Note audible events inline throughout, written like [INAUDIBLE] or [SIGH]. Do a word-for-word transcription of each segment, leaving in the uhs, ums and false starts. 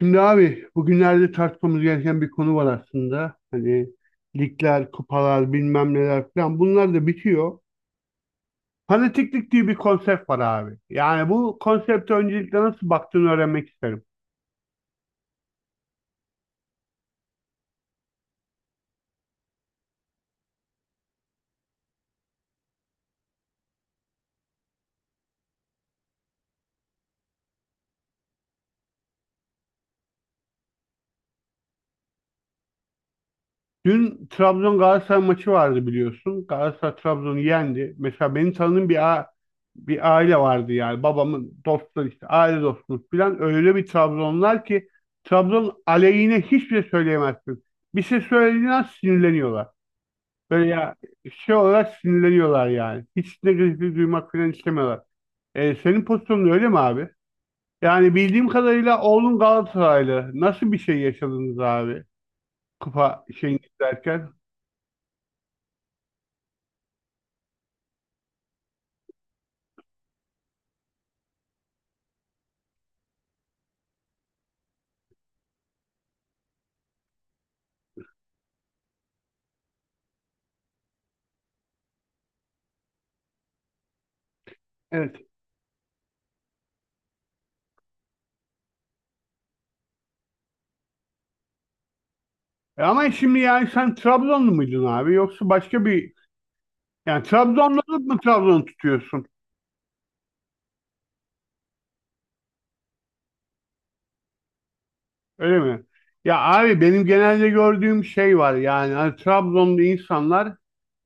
Şimdi abi bugünlerde tartışmamız gereken bir konu var aslında. Hani ligler, kupalar, bilmem neler falan bunlar da bitiyor. Fanatiklik diye bir konsept var abi. Yani bu konsepte öncelikle nasıl baktığını öğrenmek isterim. Dün Trabzon Galatasaray maçı vardı biliyorsun. Galatasaray Trabzon'u yendi. Mesela benim tanıdığım bir, a bir aile vardı yani. Babamın dostları işte aile dostumuz falan. Öyle bir Trabzonlar ki Trabzon aleyhine hiçbir şey söyleyemezsin. Bir şey söylediğin an sinirleniyorlar. Böyle ya şey olarak sinirleniyorlar yani. Hiç negatifi duymak falan istemiyorlar. E, senin pozisyonun öyle mi abi? Yani bildiğim kadarıyla oğlun Galatasaraylı. Nasıl bir şey yaşadınız abi? Kupa şeyini izlerken. Evet. E, ama şimdi yani sen Trabzonlu muydun abi? Yoksa başka bir... Yani Trabzonlu olup mu Trabzon tutuyorsun? Öyle mi? Ya abi benim genelde gördüğüm şey var. Yani hani Trabzonlu insanlar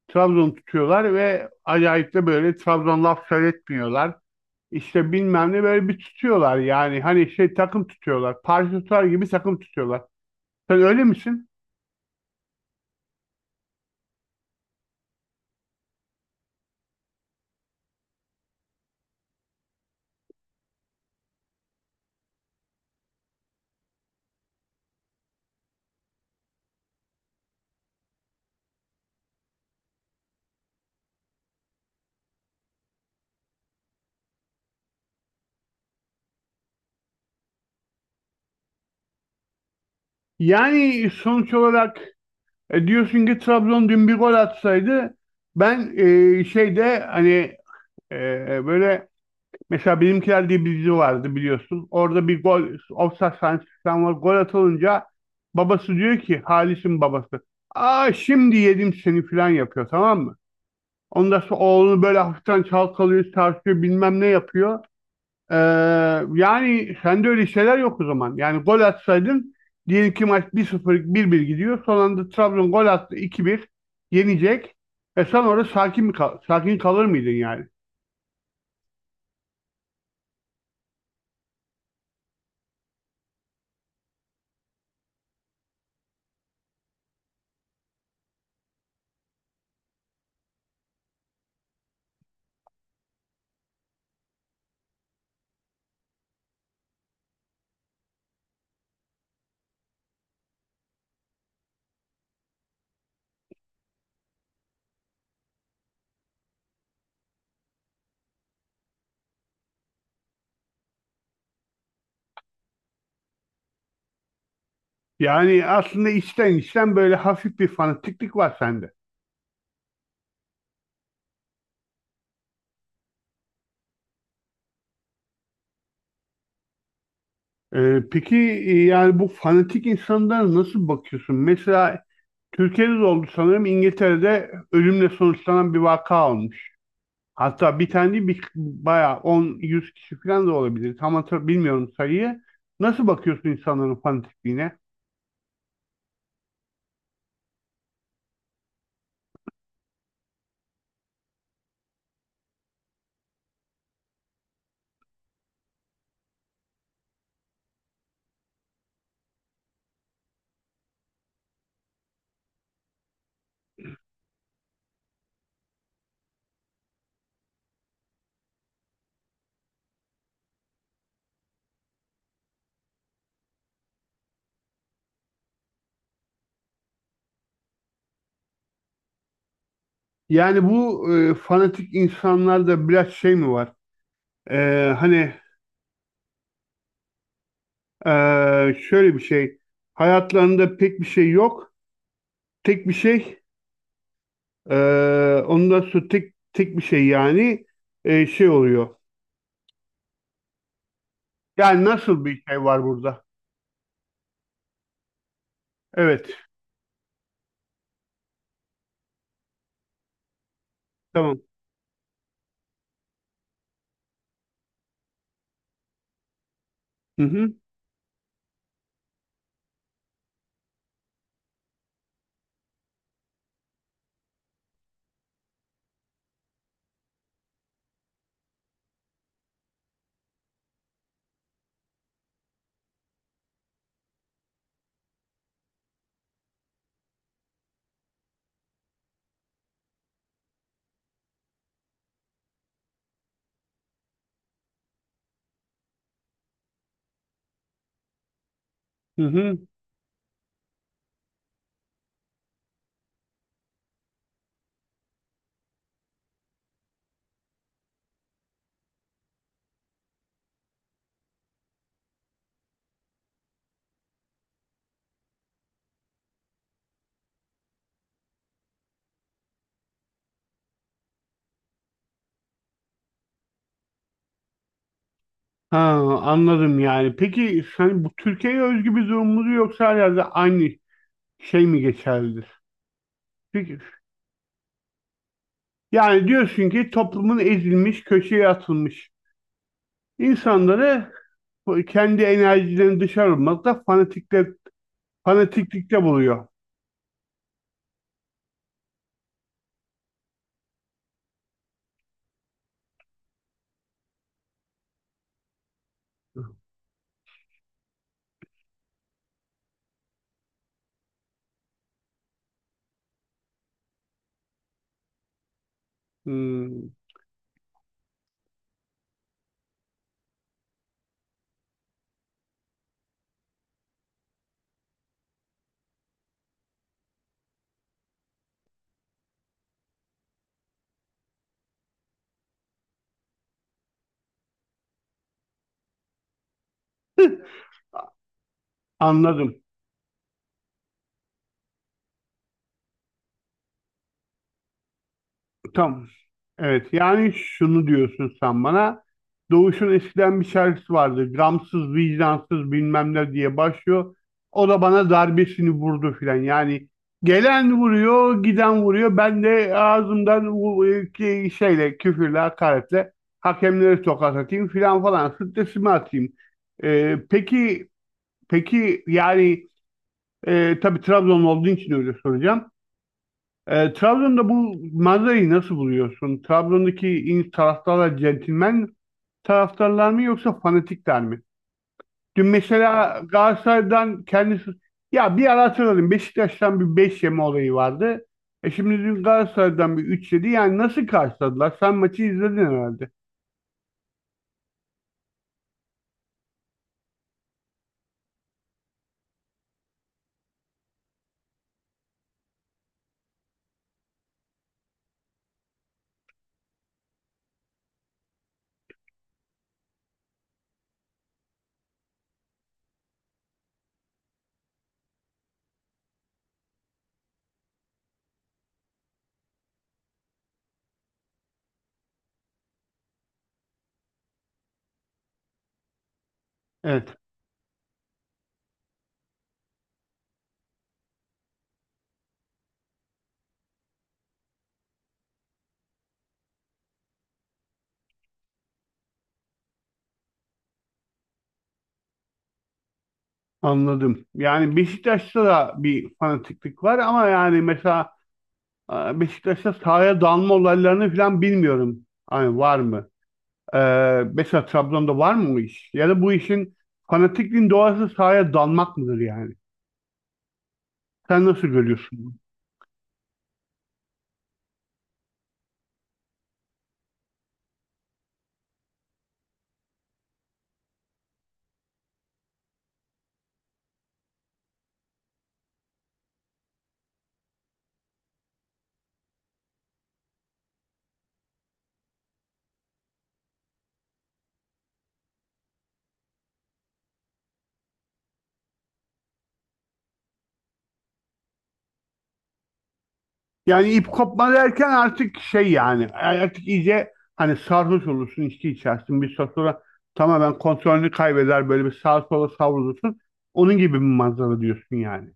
Trabzon tutuyorlar ve acayip de böyle Trabzon laf söyletmiyorlar. İşte bilmem ne böyle bir tutuyorlar yani hani şey takım tutuyorlar. Parti tutar gibi takım tutuyorlar. Sen öyle misin? Yani sonuç olarak e, diyorsun ki Trabzon dün bir gol atsaydı ben e, şeyde hani e, böyle mesela Benimkiler diye bir dizi vardı biliyorsun. Orada bir gol ofsayt sahnesi falan var. Gol atılınca babası diyor ki Halis'in babası. Aa şimdi yedim seni falan yapıyor tamam mı? Ondan sonra oğlunu böyle hafiften çalkalıyor, tartıyor bilmem ne yapıyor. Ee, yani sende öyle şeyler yok o zaman. Yani gol atsaydın diyelim ki maç bir sıfır bir bir gidiyor. Son anda Trabzon gol attı iki bir yenecek. E sen orada sakin mi kal sakin kalır mıydın yani? Yani aslında içten içten böyle hafif bir fanatiklik var sende. Ee, peki e, yani bu fanatik insanlara nasıl bakıyorsun? Mesela Türkiye'de de oldu sanırım İngiltere'de ölümle sonuçlanan bir vaka olmuş. Hatta bir tane değil, bir, bayağı on yüz kişi falan da olabilir. Tam hatır, bilmiyorum sayıyı. Nasıl bakıyorsun insanların fanatikliğine? Yani bu e, fanatik insanlarda biraz şey mi var? E, hani e, şöyle bir şey. Hayatlarında pek bir şey yok. Tek bir şey. E, ondan sonra tek, tek bir şey yani e, şey oluyor. Yani nasıl bir şey var burada? Evet. Tamam. Hı hı. Hı hı. Ha, anladım yani. Peki hani bu Türkiye'ye özgü bir durum mudur yoksa her yerde aynı şey mi geçerlidir? Peki yani diyorsun ki toplumun ezilmiş, köşeye atılmış insanları kendi enerjilerini dışarı vurmakta fanatikle, fanatiklikte buluyor. Hmm, anladım. Tamam. Evet yani şunu diyorsun sen bana. Doğuş'un eskiden bir şarkısı vardı. Gramsız, vicdansız bilmem ne diye başlıyor. O da bana darbesini vurdu filan. Yani gelen vuruyor, giden vuruyor. Ben de ağzımdan vu- ki- şeyle, küfürle, hakaretle hakemlere tokat atayım filan falan. Stresimi atayım. Ee, peki, peki yani e, tabii Trabzon olduğu için öyle soracağım. E, Trabzon'da bu manzarayı nasıl buluyorsun? Trabzon'daki in taraftarlar centilmen taraftarlar mı yoksa fanatikler mi? Dün mesela Galatasaray'dan kendisi, ya bir ara hatırladım, Beşiktaş'tan bir beş yeme olayı vardı. E şimdi dün Galatasaray'dan bir üç yedi. Yani nasıl karşıladılar? Sen maçı izledin herhalde. Evet, anladım. Yani Beşiktaş'ta da bir fanatiklik var ama yani mesela e, Beşiktaş'ta sahaya dalma olaylarını falan bilmiyorum. Hani var mı? Ee, mesela Trabzon'da var mı o iş? Ya da bu işin fanatikliğin doğası sahaya dalmak mıdır yani? Sen nasıl görüyorsun bunu? Yani ip kopma derken artık şey yani e, artık iyice hani sarhoş olursun, içki içersin. Bir süre sonra tamamen kontrolünü kaybeder böyle bir sağa sola savrulursun. Onun gibi bir manzara diyorsun yani.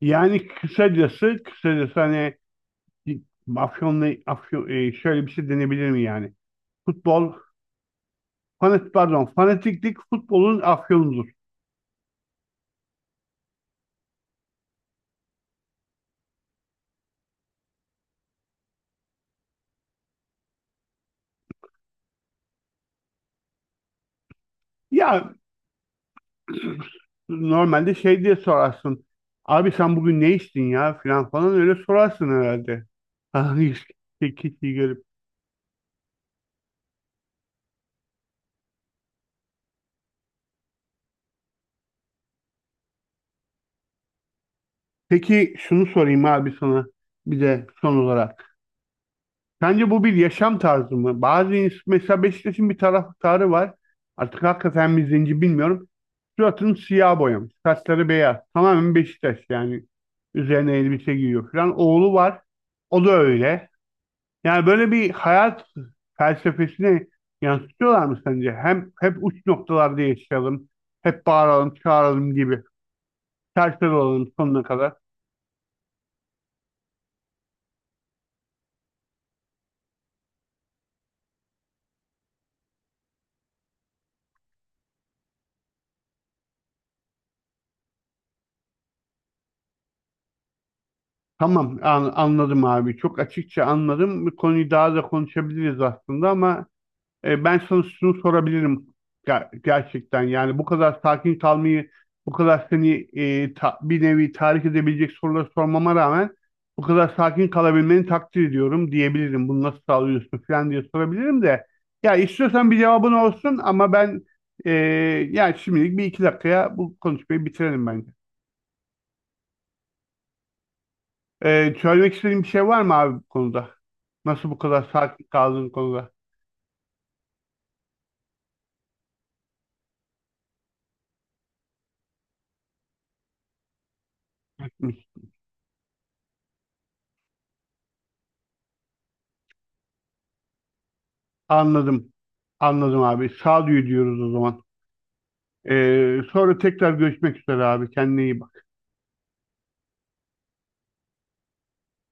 Yani kısacası kısacası hani Afyon'la Afyon, e, şöyle bir şey denebilir mi yani? Futbol, fanat, pardon, fanatiklik futbolun afyonudur. Ya normalde şey diye sorarsın. Abi sen bugün ne içtin ya filan falan öyle sorarsın herhalde. [LAUGHS] Hani işte kişiyi görüp. Peki şunu sorayım abi sana bir de son olarak. Sence bu bir yaşam tarzı mı? Bazı ins- mesela Beşiktaş'ın bir taraftarı var. Artık hakikaten mi zenci bilmiyorum. Suratını siyah boyamış. Saçları beyaz. Tamamen Beşiktaş yani. Üzerine elbise giyiyor falan. Oğlu var. O da öyle. Yani böyle bir hayat felsefesini yansıtıyorlar mı sence? Hem hep uç noktalarda yaşayalım, hep bağıralım, çağıralım gibi. Serseri olalım sonuna kadar. Tamam, an- anladım abi. Çok açıkça anladım. Bu konuyu daha da konuşabiliriz aslında ama E, ben sana şunu sorabilirim Ger- gerçekten. Yani bu kadar sakin kalmayı, bu kadar seni e, ta- bir nevi tahrik edebilecek soruları sormama rağmen bu kadar sakin kalabilmeni takdir ediyorum diyebilirim. Bunu nasıl sağlıyorsun falan diye sorabilirim de. Ya istiyorsan bir cevabın olsun ama ben e, yani şimdilik bir iki dakikaya bu konuşmayı bitirelim bence. E, söylemek istediğin bir şey var mı abi bu konuda? Nasıl bu kadar sakin kaldığın konuda? Anladım. Anladım abi. Sağduyu diyoruz o zaman. Ee, sonra tekrar görüşmek üzere abi. Kendine iyi bak.